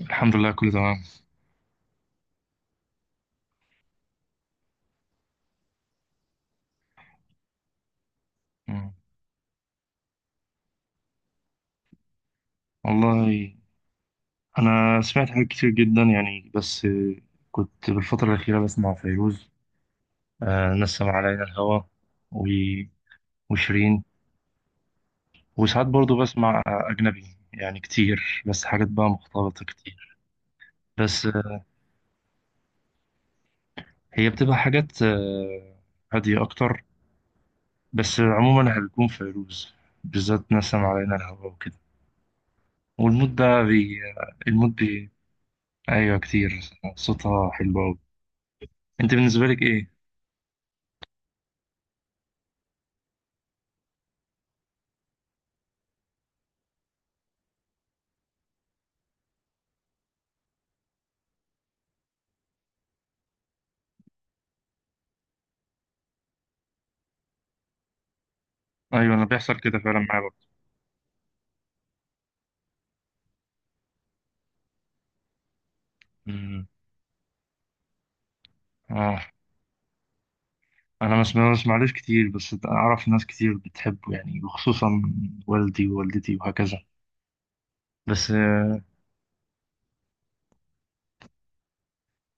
الحمد لله كله تمام. مم. والله، أنا سمعت حاجات كتير جدا يعني بس كنت بالفترة الأخيرة بسمع فيروز. نسم علينا الهوى و- وشيرين. وساعات برضو بسمع أجنبي يعني كتير، بس حاجات بقى مختلطة كتير. بس هي بتبقى حاجات هادية أكتر. بس عموما هيكون فيروز، بالذات نسم علينا الهوى وكده. والمود ده بي... المود بي... أيوة كتير، صوتها حلو أوي. أنت بالنسبة لك إيه؟ ايوه، انا بيحصل كده فعلا معايا برضه. مم. آه. انا ما بسمعلوش كتير، بس اعرف ناس كتير بتحبه يعني، وخصوصا والدي ووالدتي وهكذا. بس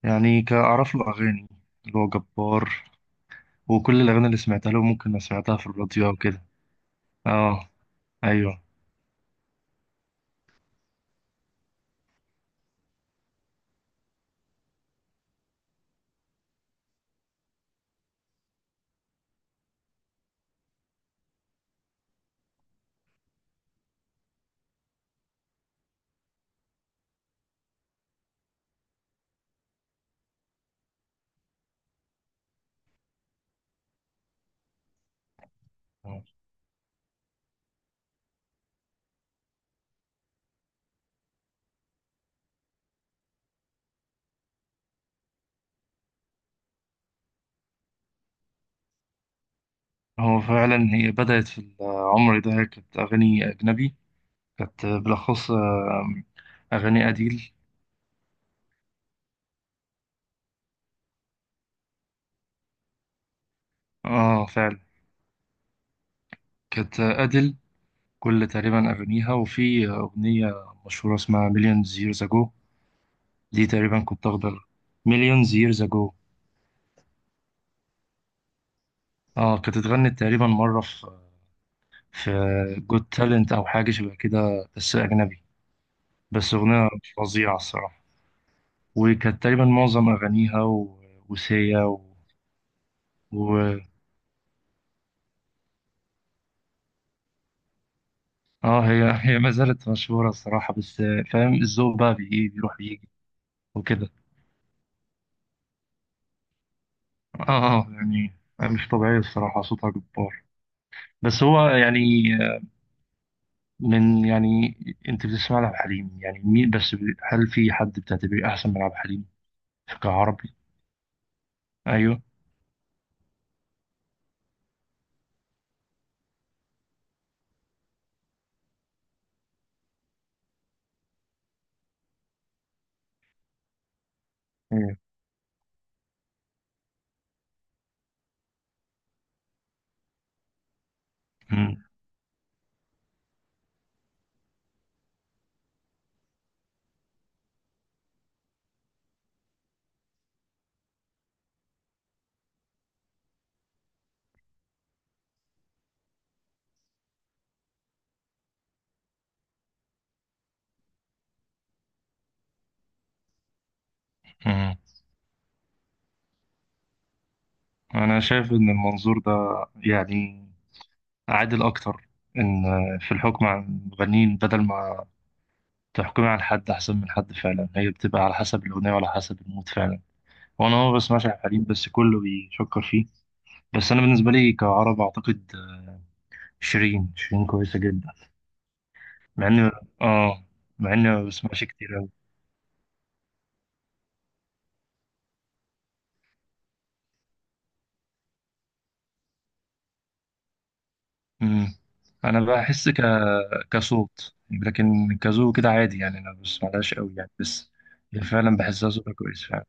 يعني كأعرف له اغاني، اللي هو جبار. وكل الاغاني اللي سمعتها له ممكن أنا سمعتها في الراديو او كده. اه، ايوه. آه. هو فعلا هي بدأت في العمر ده، كانت اغاني اجنبي، كانت بالاخص اغاني اديل. اه فعلا. كانت اديل، كل تقريبا أغانيها، وفي أغنية مشهورة اسمها مليون years ago، دي تقريبا كنت واخدة. مليون years ago. اه، كانت اتغنت تقريبا مرة في جود تالنت أو حاجة شبه كده بس أجنبي. بس أغنية فظيعة الصراحة. وكانت تقريبا معظم أغانيها وسيا و... اه، هي هي ما زالت مشهورة الصراحة، بس فاهم الذوق بقى بيروح بيجي وكده. اه، يعني مش طبيعية الصراحة، صوتها جبار. بس هو يعني، من يعني انت بتسمع لعبد الحليم يعني مين، بس هل في حد بتعتبريه احسن من عبد الحليم كعربي؟ ايوه. مم. مم. مم. انا شايف ان المنظور ده يعني عادل اكتر، ان في الحكم على المغنيين، بدل ما تحكمي على حد احسن من حد، فعلا هي بتبقى على حسب الاغنيه وعلى حسب المود فعلا. وانا ما بسمعش عبد الحليم، بس كله بيشكر فيه. بس انا بالنسبه لي كعرب اعتقد شيرين، شيرين كويسه جدا، مع اني اه مع اني ما بسمعش كتير. امم انا بحس كصوت، لكن كزو كده عادي يعني. انا بس معلهاش قوي يعني بس. هي فعلا بحسها صوتها كويس فعلا.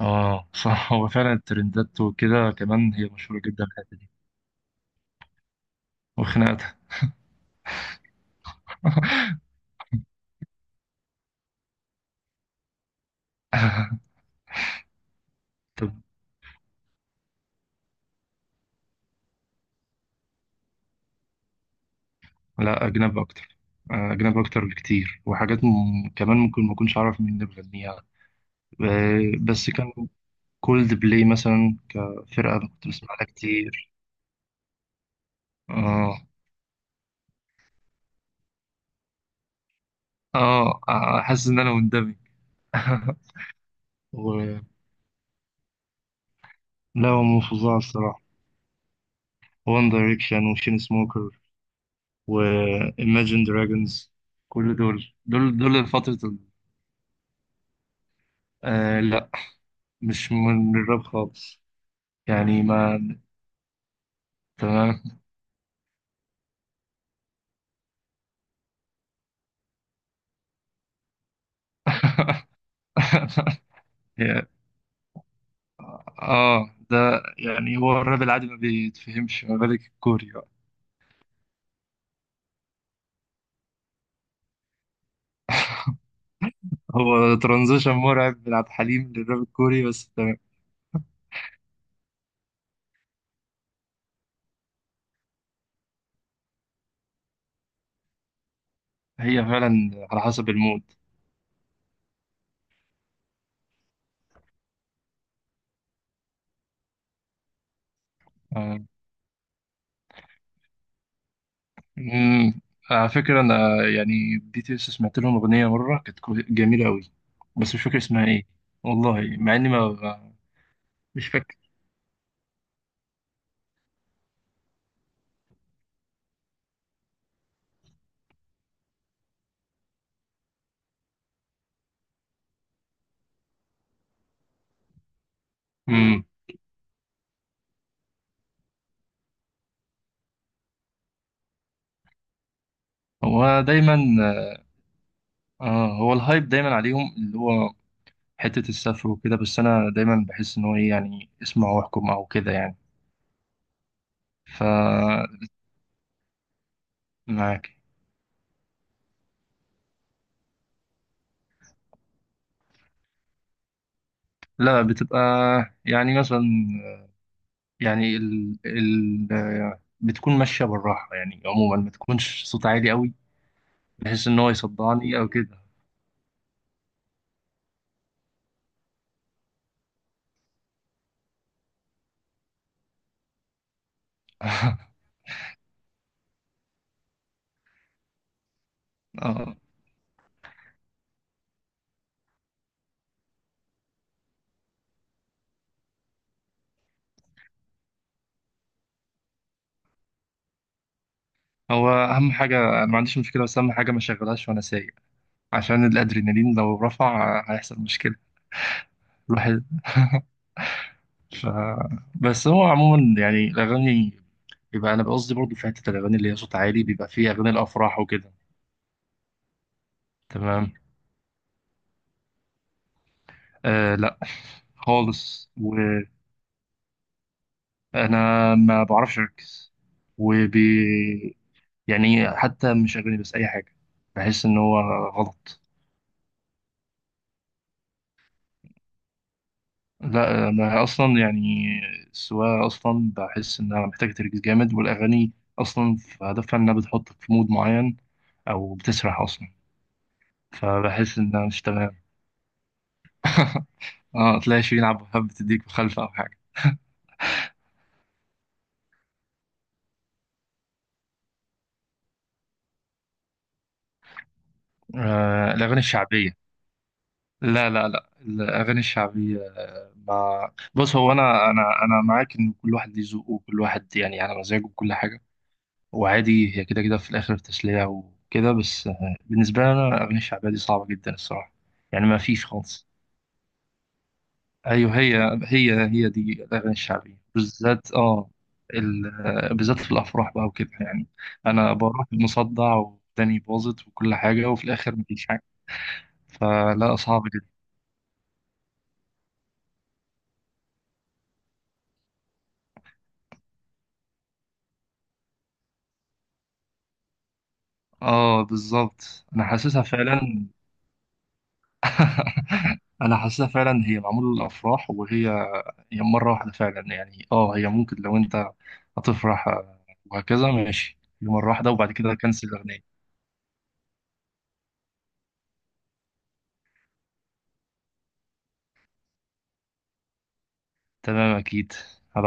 اه. صح، هو فعلا الترندات وكده كمان، هي مشهورة جدا الحتة دي. وخناقتها. طب، لا أجنبي أكتر. أجنبي أكتر بكتير، وحاجات كمان ممكن ما أكونش أعرف مين اللي بيغنيها. بس كان كولد بلاي مثلا، كفرقة أنا كنت بسمعها كتير. آه، آه، آه، حاسس إن أنا مندمج. لا، هو من فظاع الصراحة. وان دايركشن، وشين سموكر، و Imagine Dragons، كل دول دول فترة آه لا، مش من الراب خالص. يعني ما تمام. يا- اه ده يعني، هو الراب العادي ما بيتفهمش، ما بالك الكوري بقى. هو ترانزيشن مرعب من عبد الحليم للراب الكوري، بس تمام. هي فعلا على حسب المود. آه، امم على فكرة أنا، يعني بديت لسه، سمعت لهم أغنية مرة كانت جميلة أوي. بس مش فاكر اسمها إيه. والله، مع إني ما ما- مش فاكر. امم هو دايما هو الهايب دايما عليهم، اللي هو حتة السفر وكده. بس أنا دايما بحس إن هو إيه، يعني اسمع واحكم أو كده يعني. ف معاك. لا، بتبقى يعني مثلا، يعني بتكون ماشية بالراحة يعني، عموما ما تكونش صوت عالي أوي، بحيث إن هو يصدعني أو كده. اه، هو اهم حاجه، انا ما عنديش مشكله، بس اهم حاجه ما شغلهاش وانا سايق، عشان الادرينالين لو رفع هيحصل مشكله الواحد. ف... بس هو عموما يعني الاغاني، بيبقى انا بقصدي برضو، في حته الاغاني اللي هي صوت عالي، بيبقى فيه اغاني الافراح وكده. تمام. لا خالص وانا، ما بعرفش اركز، وبي يعني حتى مش اغاني بس اي حاجه، بحس ان هو غلط. لا، انا اصلا يعني السواقه اصلا بحس انها محتاجه تركيز جامد، والاغاني اصلا في هدفها انها بتحطك في مود معين او بتسرح اصلا، فبحس انها مش تمام. اه، تلاقي شيء يلعب حب بتديك مخالفه او حاجه. الاغاني الشعبيه. لا، لا، لا، الاغاني الشعبيه. بص، هو انا انا معاك، ان كل واحد ليه ذوقه، وكل واحد يعني على مزاجه وكل حاجه. وعادي هي كده كده في الآخر تسلية وكده. بس بالنسبة لي أنا الأغاني الشعبية دي صعبة جدا الصراحة. يعني ما فيش خالص. أيوه، هي هي دي الأغاني الشعبية بالذات. بالذات في الأفراح بقى وكده يعني. أنا بروح مصدع، وداني باظت، وكل حاجة، وفي الآخر مفيش حاجة. فلا، صعب جدا. بالظبط أنا حاسسها فعلا. أنا حاسسها فعلا، هي معمولة للأفراح. وهي هي مرة واحدة فعلا يعني. اه هي ممكن لو انت هتفرح، وهكذا ماشي، هي مرة واحدة، وبعد كده كنسل الأغنية. تمام، أكيد. هبعت.